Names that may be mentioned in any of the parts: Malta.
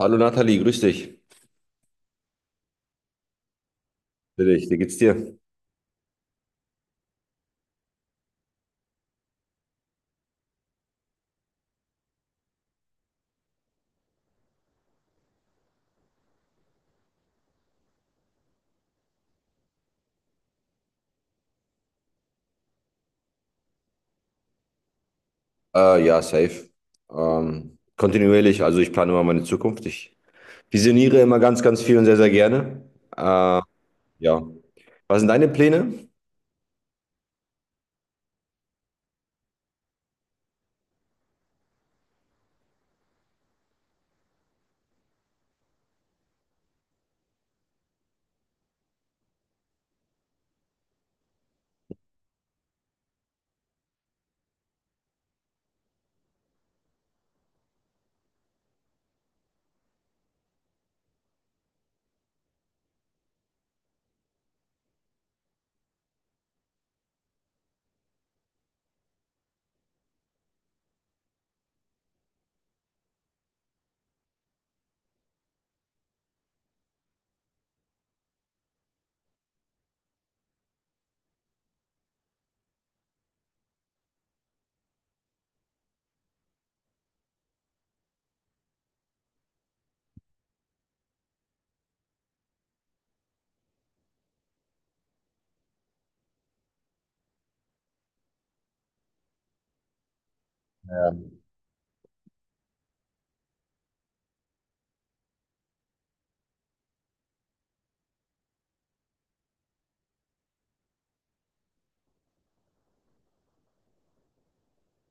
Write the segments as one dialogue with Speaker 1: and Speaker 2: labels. Speaker 1: Hallo Nathalie, grüß dich. Grüß dich, wie geht's dir? Ja, safe. Kontinuierlich, also ich plane immer meine Zukunft. Ich visioniere immer ganz, ganz viel und sehr, sehr gerne. Äh, ja. Was sind deine Pläne?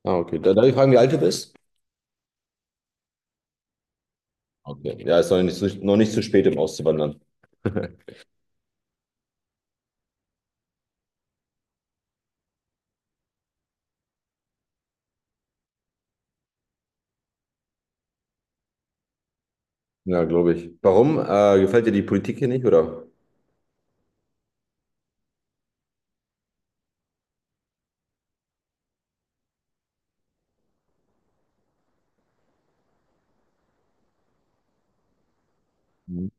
Speaker 1: Ah, okay. Darf ich fragen, wie alt du bist? Okay. Ja, ist noch nicht zu spät, um auszuwandern. Ja, glaube ich. Warum? Gefällt dir die Politik hier nicht, oder? Mhm.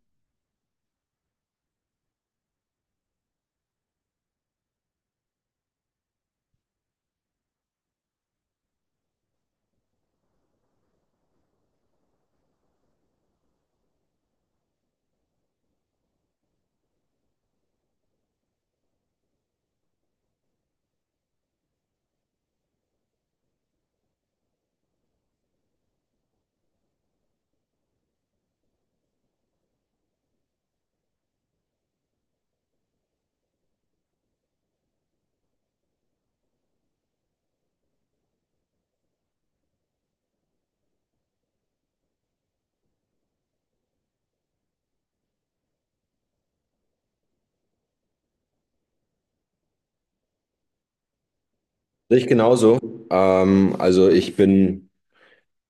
Speaker 1: Sehe ich genauso. Also ich bin.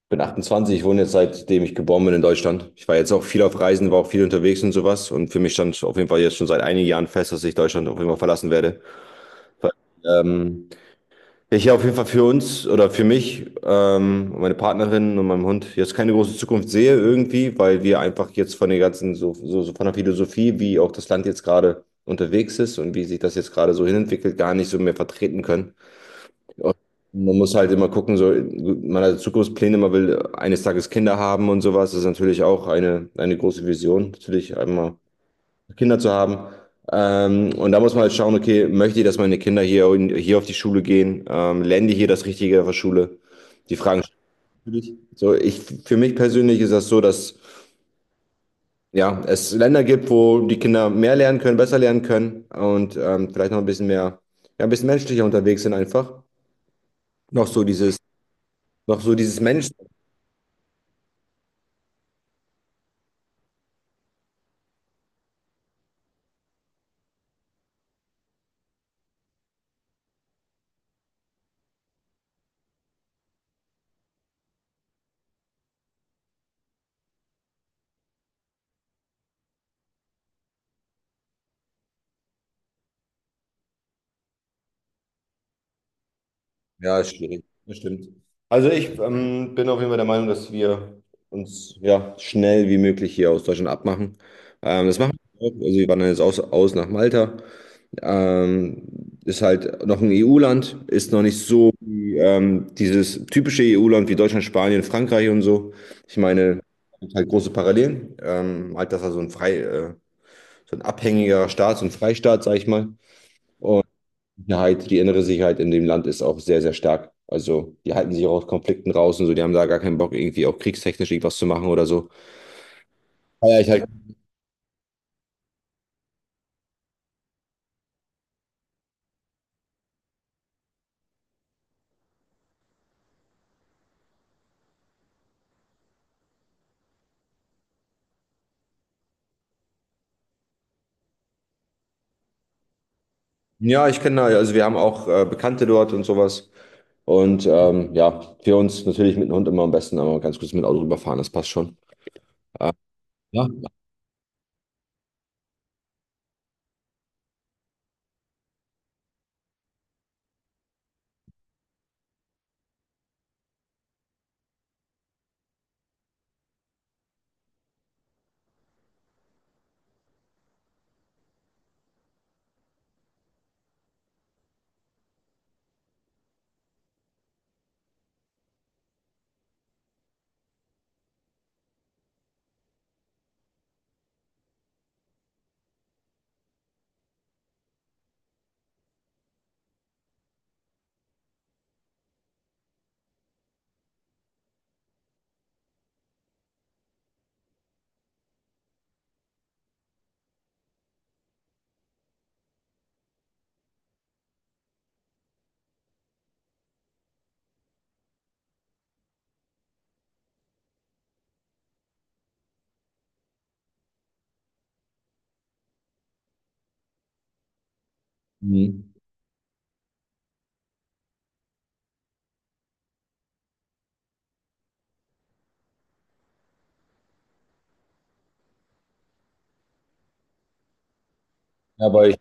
Speaker 1: bin 28. Ich wohne jetzt seitdem ich geboren bin in Deutschland. Ich war jetzt auch viel auf Reisen, war auch viel unterwegs und sowas. Und für mich stand auf jeden Fall jetzt schon seit einigen Jahren fest, dass ich Deutschland auf jeden Fall verlassen werde. Weil ähm, ich hier auf jeden Fall für uns oder für mich, und meine Partnerin und meinem Hund jetzt keine große Zukunft sehe irgendwie, weil wir einfach jetzt von der ganzen, so von der Philosophie, wie auch das Land jetzt gerade unterwegs ist und wie sich das jetzt gerade so hinentwickelt, gar nicht so mehr vertreten können. Und man muss halt immer gucken, so, man hat Zukunftspläne, man will eines Tages Kinder haben und sowas. Das ist natürlich auch eine große Vision, natürlich einmal Kinder zu haben. Und da muss man halt schauen, okay, möchte ich, dass meine Kinder hier, hier auf die Schule gehen? Lernen die hier das Richtige auf der Schule? Die Fragen stellen natürlich. So, ich, für mich persönlich ist das so, dass ja, es Länder gibt, wo die Kinder mehr lernen können, besser lernen können und vielleicht noch ein bisschen mehr, ja, ein bisschen menschlicher unterwegs sind einfach. Noch so dieses, noch so dieses Mensch. Ja, ist schwierig. Das stimmt. Also ich bin auf jeden Fall der Meinung, dass wir uns ja schnell wie möglich hier aus Deutschland abmachen. Das machen wir auch. Also wir wandern jetzt aus, aus nach Malta. Ähm, ist halt noch ein EU-Land, ist noch nicht so wie dieses typische EU-Land wie Deutschland, Spanien, Frankreich und so. Ich meine, es gibt halt große Parallelen. Malta ist ja so ein so ein abhängiger Staat, so ein Freistaat, sag ich mal. Sicherheit, die innere Sicherheit in dem Land ist auch sehr, sehr stark. Also die halten sich auch aus Konflikten raus und so, die haben da gar keinen Bock, irgendwie auch kriegstechnisch irgendwas zu machen oder so. Aber ich halt, ja, ich kenne da, also wir haben auch Bekannte dort und sowas. Und ja, für uns natürlich mit dem Hund immer am besten, aber ganz kurz mit dem Auto rüberfahren, das passt schon. Äh, ja. Mhm. Ja, aber ich,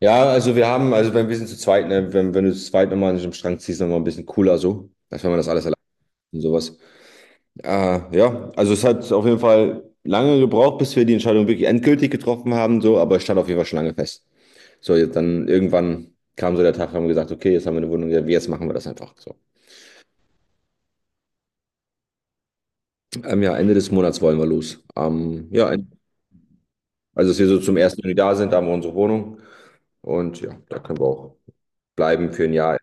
Speaker 1: ja, also wir haben, also wenn wir sind zu zweit, ne, wenn du zu zweit nochmal an einem Strang ziehst, nochmal ein bisschen cooler so, als wenn man das alles allein und sowas. Ah, ja, also es hat auf jeden Fall lange gebraucht, bis wir die Entscheidung wirklich endgültig getroffen haben, so, aber es stand auf jeden Fall schon lange fest. So, jetzt dann irgendwann kam so der Tag, haben wir gesagt, okay, jetzt haben wir eine Wohnung, ja, jetzt machen wir das einfach so. Ja, Ende des Monats wollen wir los. Also dass wir so zum 1. Juni da sind, da haben wir unsere Wohnung und ja, da können wir auch bleiben für ein Jahr.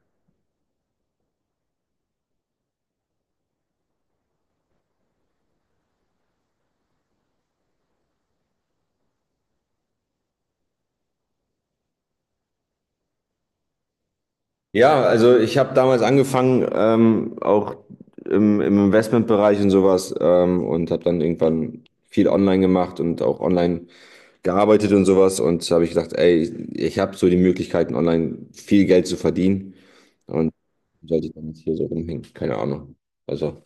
Speaker 1: Ja, also ich habe damals angefangen, auch im Investmentbereich und sowas und habe dann irgendwann viel online gemacht und auch online gearbeitet und sowas und habe ich gedacht, ey, ich habe so die Möglichkeiten, online viel Geld zu verdienen und sollte ich dann nicht hier so rumhängen, keine Ahnung. Also,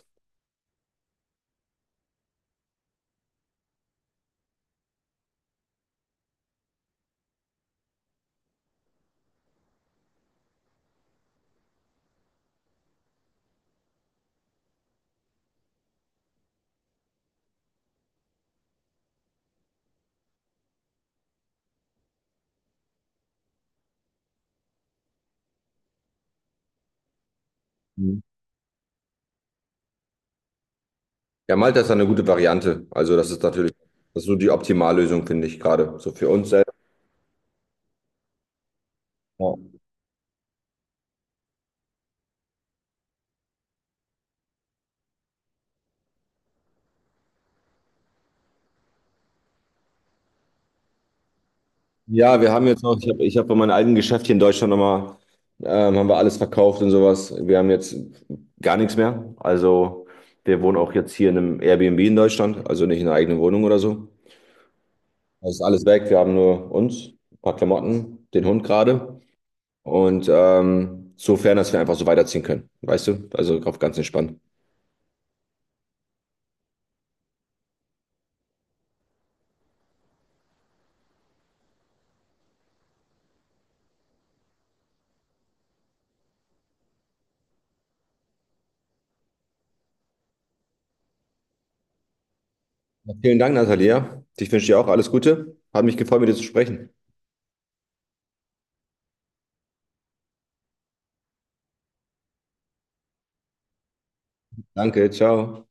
Speaker 1: Mhm. Ja, Malta ist da eine gute Variante. Also, das ist natürlich, das ist so die Optimallösung, finde ich gerade, so für uns selbst. Ja, ja, wir haben jetzt noch, ich hab bei meinem alten Geschäft hier in Deutschland nochmal, haben wir alles verkauft und sowas. Wir haben jetzt gar nichts mehr. Also, wir wohnen auch jetzt hier in einem Airbnb in Deutschland, also nicht in einer eigenen Wohnung oder so. Es ist alles weg. Wir haben nur uns, ein paar Klamotten, den Hund gerade. Und sofern, dass wir einfach so weiterziehen können. Weißt du? Also auf ganz entspannt. Vielen Dank, Natalia. Ich wünsche dir auch alles Gute. Hat mich gefreut, mit dir zu sprechen. Danke, ciao.